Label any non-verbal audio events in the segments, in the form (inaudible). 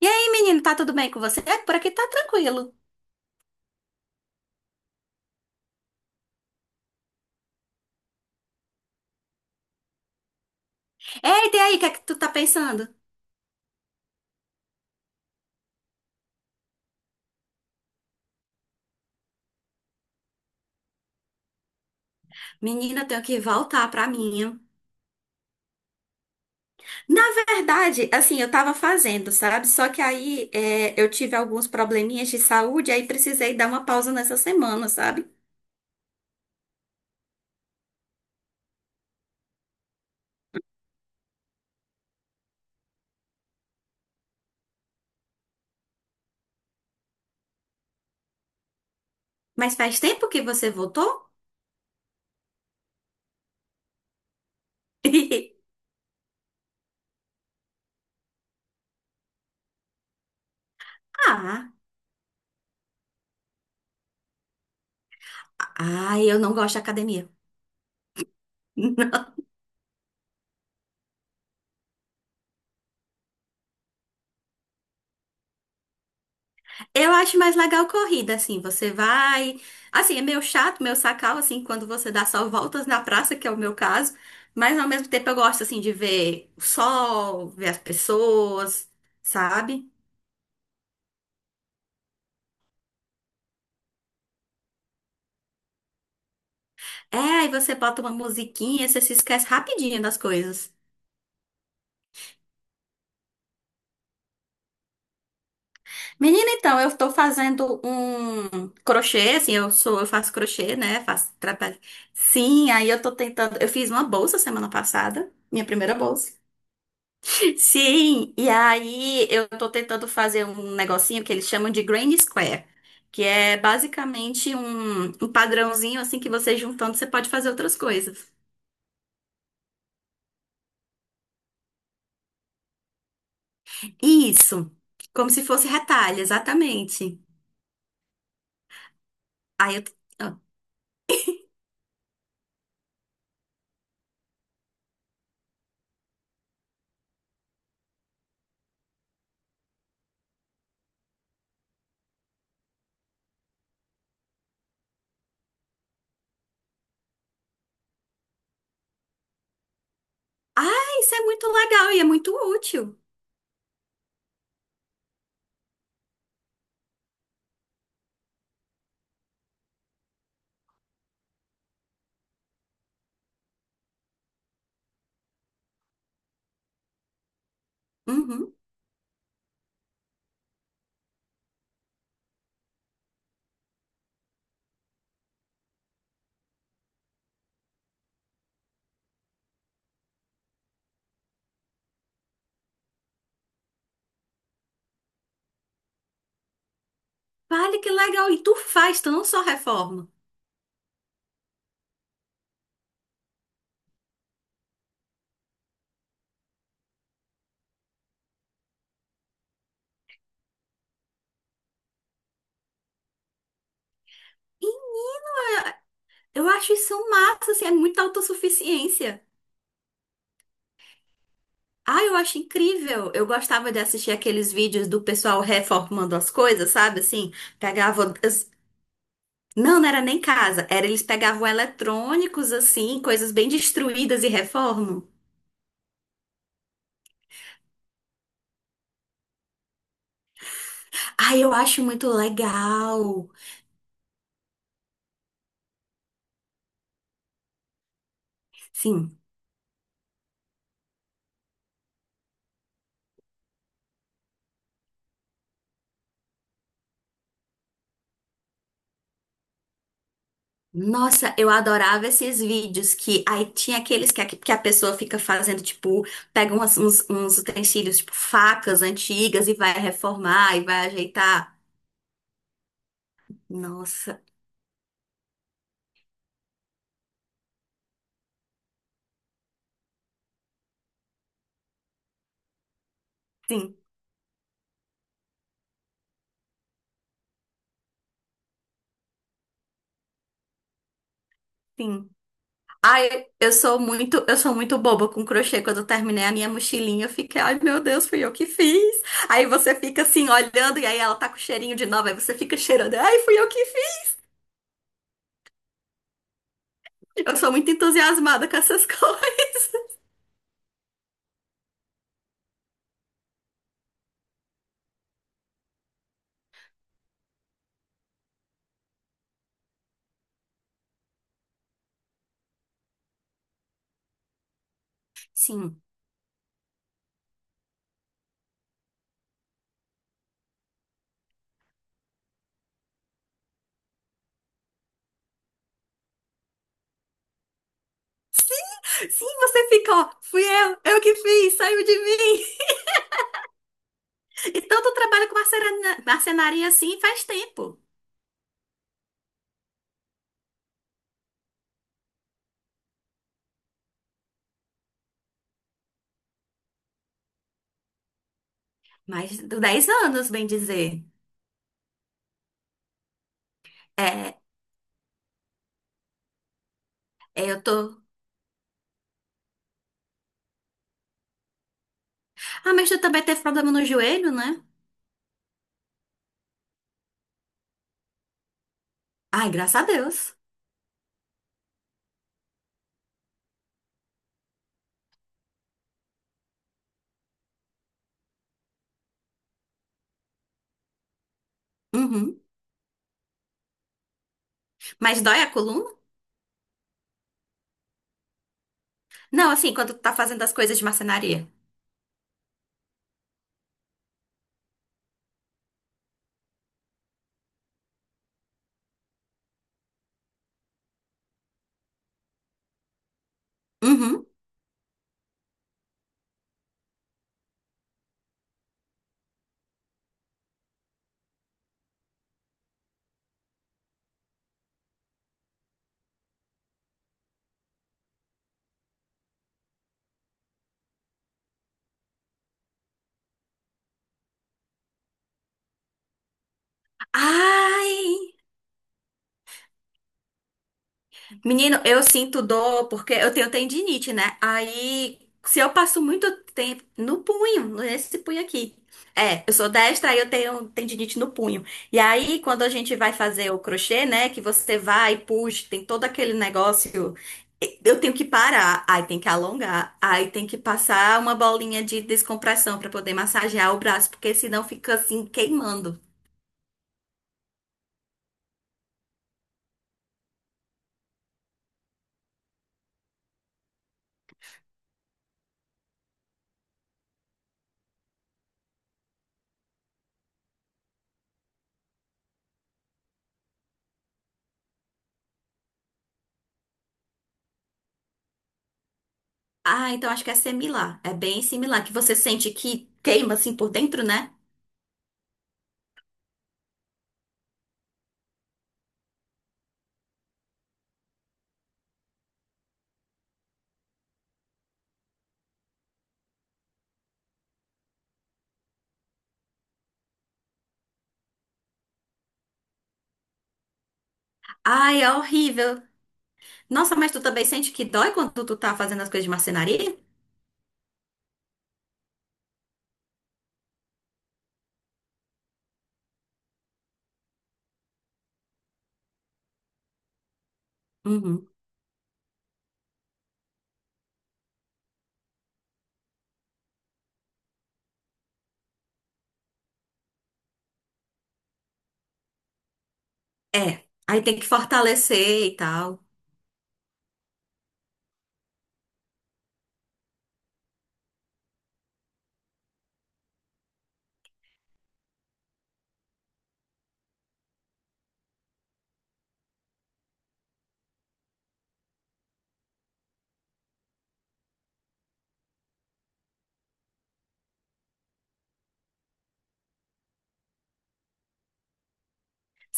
E aí, menino, tá tudo bem com você? É, por aqui tá tranquilo. Eita, e aí, o que é que tu tá pensando? Menina, eu tenho que voltar pra minha. Na verdade, assim, eu tava fazendo, sabe? Só que aí é, eu tive alguns probleminhas de saúde, aí precisei dar uma pausa nessa semana, sabe? Mas faz tempo que você voltou? (laughs) Ah, ah, eu não gosto de academia. (laughs) Eu acho mais legal corrida, assim, você vai. Assim, é meio chato, meio sacal, assim, quando você dá só voltas na praça, que é o meu caso. Mas ao mesmo tempo eu gosto, assim, de ver o sol, ver as pessoas, sabe? É, aí você bota uma musiquinha, você se esquece rapidinho das coisas. Menina, então, eu tô fazendo um crochê, assim, eu faço crochê, né? Faço trabalho. Sim, aí eu tô tentando. Eu fiz uma bolsa semana passada, minha primeira bolsa. Sim, e aí eu tô tentando fazer um negocinho que eles chamam de Grand Square, que é basicamente um padrãozinho assim que você juntando você pode fazer outras coisas. Isso, como se fosse retalho, exatamente. Aí eu, ah, isso é muito legal e é muito útil. Uhum. Vale que legal, e tu faz, tu não só reforma. Eu acho isso massa, assim, é muita autossuficiência. Ah, eu acho incrível. Eu gostava de assistir aqueles vídeos do pessoal reformando as coisas, sabe? Assim, pegavam. as- Não, não era nem casa, era eles pegavam eletrônicos, assim, coisas bem destruídas e reformam. Ah, eu acho muito legal. Sim. Nossa, eu adorava esses vídeos que aí tinha aqueles que que a pessoa fica fazendo, tipo, pega uns, utensílios, tipo, facas antigas e vai reformar e vai ajeitar. Nossa, sim, sim. Ai, eu sou muito boba com crochê. Quando eu terminei a minha mochilinha, eu fiquei, ai meu Deus, fui eu que fiz. Aí você fica assim olhando e aí ela tá com cheirinho de nova, aí você fica cheirando, ai fui eu que fiz. Eu sou muito entusiasmada com essas (laughs) coisas. Sim. Sim, você fica, ó, eu que fiz, saiu de mim. E tanto trabalho com marcenaria assim faz tempo. Mais de 10 anos, bem dizer. É, eu tô. Ah, mas tu também teve problema no joelho, né? Ai, graças a Deus. Uhum. Mas dói a coluna? Não, assim, quando tu tá fazendo as coisas de marcenaria. Uhum. Ai! Menino, eu sinto dor porque eu tenho tendinite, né? Aí, se eu passo muito tempo no punho, nesse punho aqui. É, eu sou destra, aí eu tenho tendinite no punho. E aí, quando a gente vai fazer o crochê, né? Que você vai, puxa, tem todo aquele negócio. Eu tenho que parar, aí tem que alongar, aí tem que passar uma bolinha de descompressão pra poder massagear o braço, porque senão fica assim queimando. Ah, então acho que é similar. É bem similar, que você sente que queima assim por dentro, né? Ai, é horrível. Nossa, mas tu também sente que dói quando tu tá fazendo as coisas de marcenaria? Uhum. É. Aí tem que fortalecer e tal.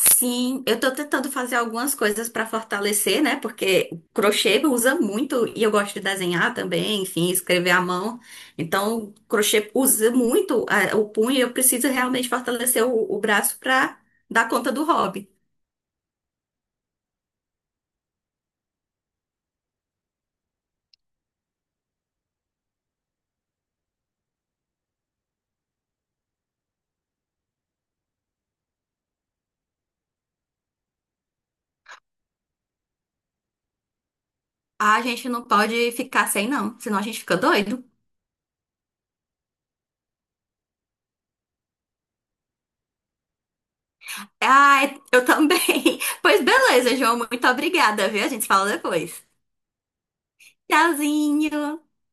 Sim, eu tô tentando fazer algumas coisas pra fortalecer, né? Porque o crochê usa muito e eu gosto de desenhar também, enfim, escrever à mão. Então, o crochê usa muito o punho e eu preciso realmente fortalecer o braço pra dar conta do hobby. A gente não pode ficar sem, não, senão a gente fica doido. Ah, eu também. (laughs) Pois beleza, João, muito obrigada, viu? A gente se fala depois. Tchauzinho!